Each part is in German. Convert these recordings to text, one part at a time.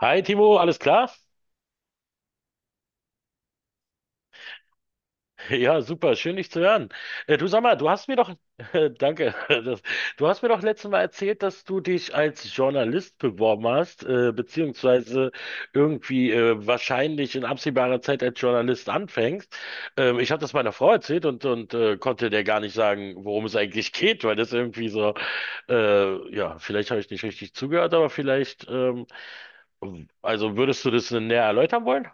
Hi Timo, alles klar? Ja, super, schön dich zu hören. Du sag mal, du hast mir doch, danke, das, du hast mir doch letztes Mal erzählt, dass du dich als Journalist beworben hast, beziehungsweise irgendwie wahrscheinlich in absehbarer Zeit als Journalist anfängst. Ich habe das meiner Frau erzählt und konnte der gar nicht sagen, worum es eigentlich geht, weil das irgendwie so, ja, vielleicht habe ich nicht richtig zugehört, aber vielleicht, also würdest du das näher erläutern wollen?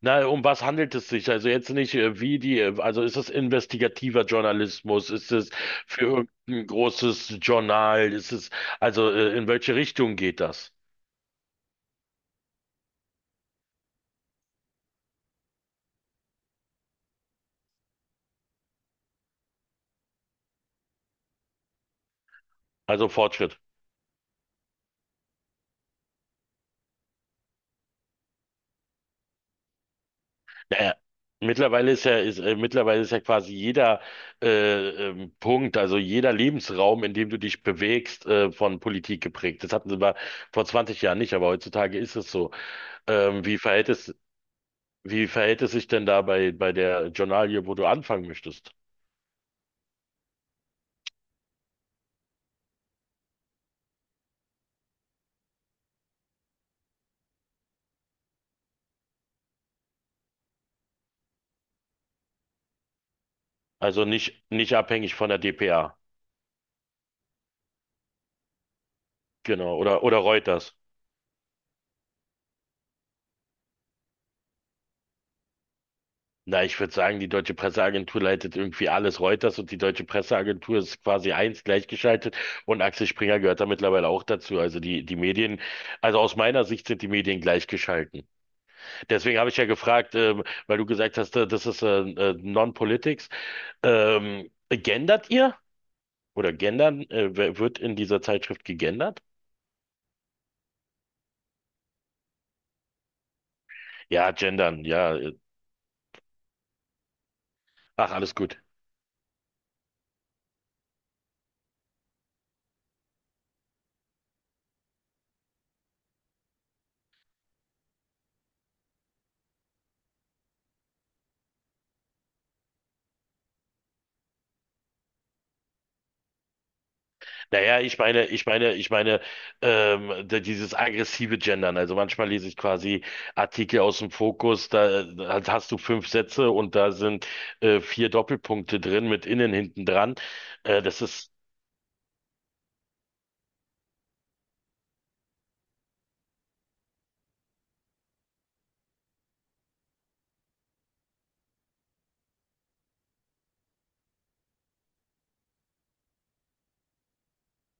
Na, um was handelt es sich? Also jetzt nicht, wie die, also ist es investigativer Journalismus? Ist es für irgendein großes Journal? Ist es, also in welche Richtung geht das? Also Fortschritt. Naja, mittlerweile ist ja quasi jeder Punkt, also jeder Lebensraum, in dem du dich bewegst, von Politik geprägt. Das hatten sie mal vor 20 Jahren nicht, aber heutzutage ist es so. Ähm, wie verhält es, wie verhält es sich denn da bei der Journalie, wo du anfangen möchtest? Also nicht abhängig von der dpa. Genau. Oder Reuters. Na, ich würde sagen, die deutsche Presseagentur leitet irgendwie alles. Reuters und die deutsche Presseagentur ist quasi eins gleichgeschaltet und Axel Springer gehört da mittlerweile auch dazu. Die Medien, also aus meiner Sicht sind die Medien gleichgeschalten. Deswegen habe ich ja gefragt, weil du gesagt hast, das ist Non-Politics. Gendert ihr? Oder gendern? Wird in dieser Zeitschrift gegendert? Ja, gendern, ja. Ach, alles gut. Naja, ich meine, dieses aggressive Gendern. Also manchmal lese ich quasi Artikel aus dem Fokus, da hast du fünf Sätze und da sind vier Doppelpunkte drin mit innen hinten dran. Das ist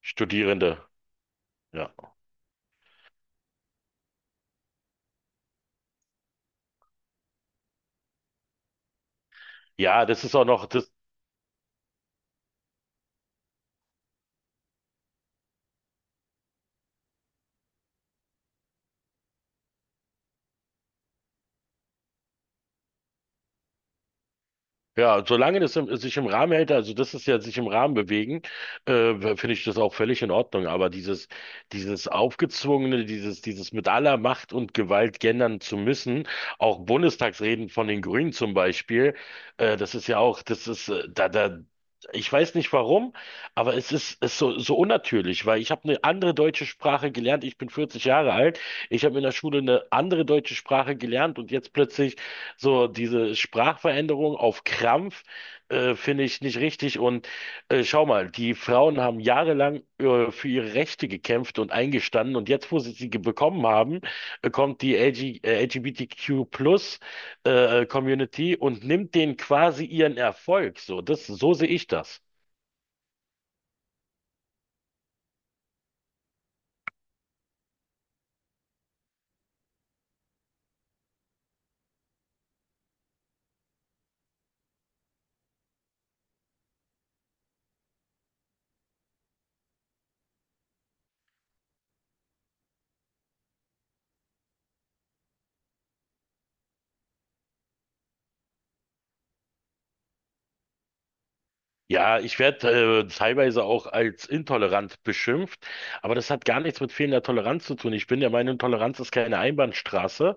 Studierende. Ja. Ja, das ist auch noch, das Ja, solange das sich im Rahmen hält, also das ist ja sich im Rahmen bewegen, finde ich das auch völlig in Ordnung. Dieses aufgezwungene, dieses mit aller Macht und Gewalt gendern zu müssen, auch Bundestagsreden von den Grünen zum Beispiel, das ist ja auch, das ist, da, da, ich weiß nicht warum, aber ist so, so unnatürlich, weil ich habe eine andere deutsche Sprache gelernt. Ich bin 40 Jahre alt. Ich habe in der Schule eine andere deutsche Sprache gelernt und jetzt plötzlich so diese Sprachveränderung auf Krampf finde ich nicht richtig. Und schau mal, die Frauen haben jahrelang für ihre Rechte gekämpft und eingestanden. Und jetzt, wo sie bekommen haben, kommt die LGBTQ Plus Community und nimmt denen quasi ihren Erfolg. So, so sehe ich das. Ja, ich werde teilweise auch als intolerant beschimpft, aber das hat gar nichts mit fehlender Toleranz zu tun. Ich bin der Meinung, Toleranz ist keine Einbahnstraße,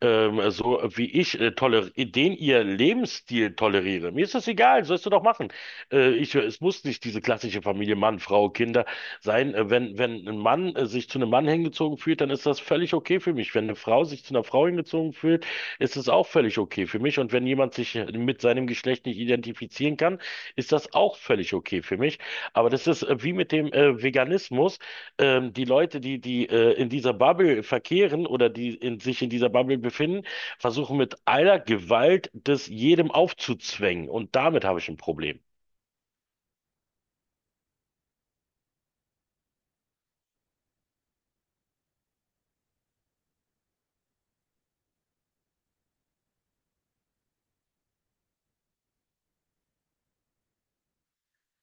so wie ich toler den ihr Lebensstil toleriere. Mir ist das egal, sollst du doch machen. Es muss nicht diese klassische Familie Mann, Frau, Kinder sein. Wenn ein Mann sich zu einem Mann hingezogen fühlt, dann ist das völlig okay für mich. Wenn eine Frau sich zu einer Frau hingezogen fühlt, ist es auch völlig okay für mich. Und wenn jemand sich mit seinem Geschlecht nicht identifizieren kann, ist das auch völlig okay für mich. Aber das ist wie mit dem Veganismus. Die Leute, die in dieser Bubble verkehren oder die sich in dieser Bubble befinden, versuchen mit aller Gewalt das jedem aufzuzwängen. Und damit habe ich ein Problem.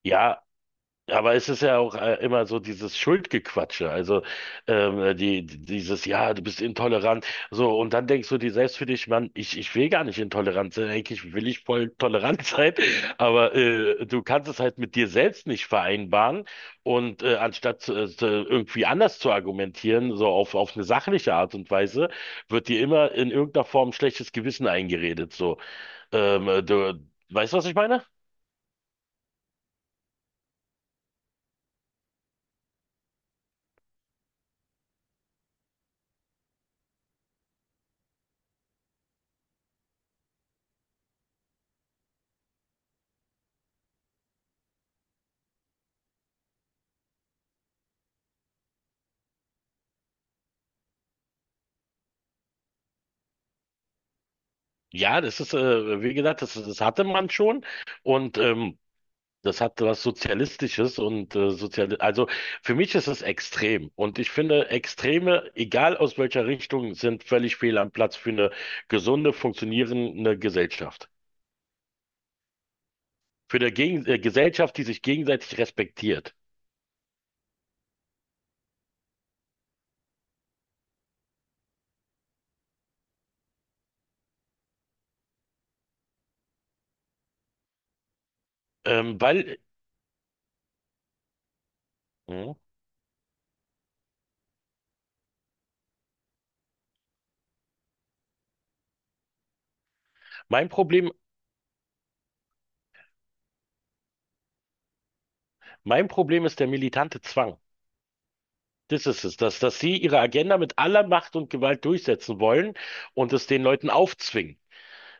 Ja, aber es ist ja auch immer so dieses Schuldgequatsche, also dieses, ja, du bist intolerant, so, und dann denkst du dir selbst für dich, Mann, ich will gar nicht intolerant sein, eigentlich will ich voll tolerant sein, aber du kannst es halt mit dir selbst nicht vereinbaren und anstatt irgendwie anders zu argumentieren, so auf eine sachliche Art und Weise, wird dir immer in irgendeiner Form schlechtes Gewissen eingeredet, so, ähm, du, weißt du, was ich meine? Ja, das ist, wie gesagt, das hatte man schon und das hat was Sozialistisches und also für mich ist es extrem und ich finde Extreme, egal aus welcher Richtung, sind völlig fehl am Platz für eine gesunde, funktionierende Gesellschaft. Für eine Gegen Gesellschaft, die sich gegenseitig respektiert. Weil Mhm. mein Problem, Mein Problem ist der militante Zwang. Das ist es, dass sie ihre Agenda mit aller Macht und Gewalt durchsetzen wollen und es den Leuten aufzwingen.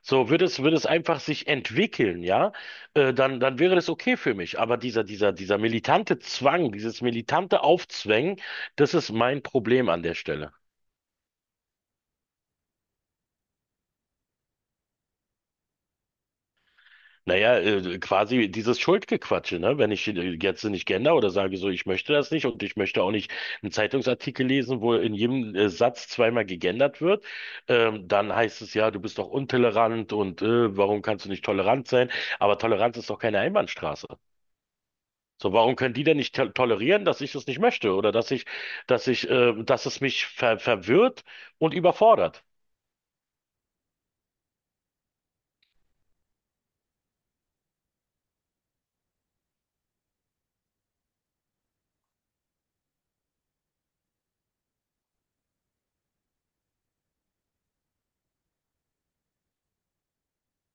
So, würde es einfach sich entwickeln, ja, dann wäre das okay für mich. Aber dieser militante Zwang, dieses militante Aufzwängen, das ist mein Problem an der Stelle. Naja, quasi dieses Schuldgequatsche, ne? Wenn ich jetzt nicht gender oder sage so, ich möchte das nicht und ich möchte auch nicht einen Zeitungsartikel lesen, wo in jedem Satz zweimal gegendert wird, dann heißt es ja, du bist doch untolerant und warum kannst du nicht tolerant sein? Aber Toleranz ist doch keine Einbahnstraße. So, warum können die denn nicht to tolerieren, dass ich es nicht möchte oder dass ich, dass es mich verwirrt und überfordert?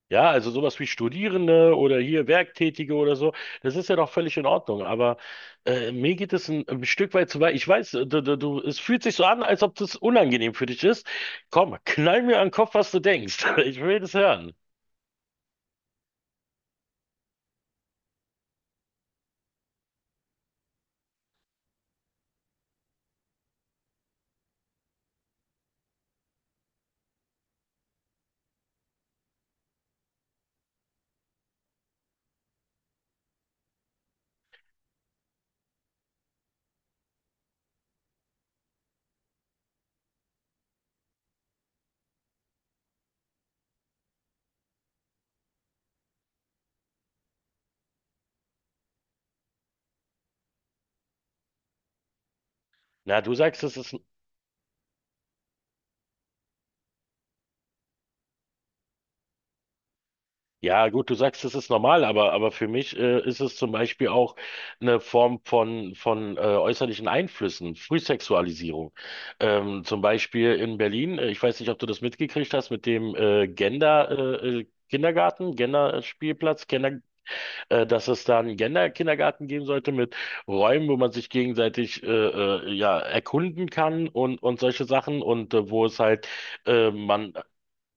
Ja, also sowas wie Studierende oder hier Werktätige oder so, das ist ja doch völlig in Ordnung. Aber mir geht es ein Stück weit zu weit. Ich weiß, du, es fühlt sich so an, als ob das unangenehm für dich ist. Komm, knall mir an den Kopf, was du denkst. Ich will das hören. Na, du sagst, es ist Ja, gut, du sagst, das ist normal, aber für mich ist es zum Beispiel auch eine Form von äußerlichen Einflüssen, Frühsexualisierung. Zum Beispiel in Berlin, ich weiß nicht, ob du das mitgekriegt hast mit dem Kindergarten, dass es da einen Gender-Kindergarten geben sollte mit Räumen, wo man sich gegenseitig ja, erkunden kann und solche Sachen und wo es halt, man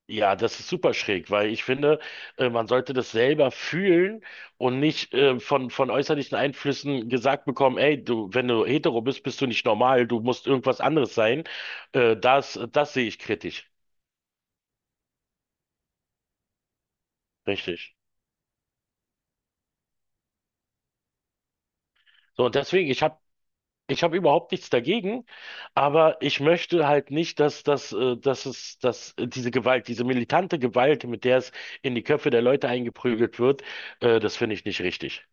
ja, das ist super schräg, weil ich finde, man sollte das selber fühlen und nicht von äußerlichen Einflüssen gesagt bekommen, ey, du, wenn du hetero bist, bist du nicht normal, du musst irgendwas anderes sein. Das sehe ich kritisch. Richtig. So, und deswegen, ich hab überhaupt nichts dagegen, aber ich möchte halt nicht, dass diese Gewalt, diese militante Gewalt, mit der es in die Köpfe der Leute eingeprügelt wird, das finde ich nicht richtig.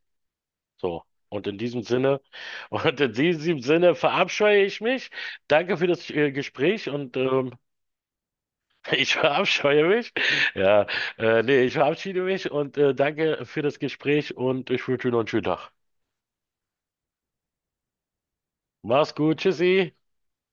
So. Und in diesem Sinne, und in diesem Sinne verabscheue ich mich. Danke für das Gespräch und ich verabscheue mich. Ja, nee, ich verabschiede mich und danke für das Gespräch und ich wünsche dir noch einen schönen Tag. Mach's gut, tschüssi.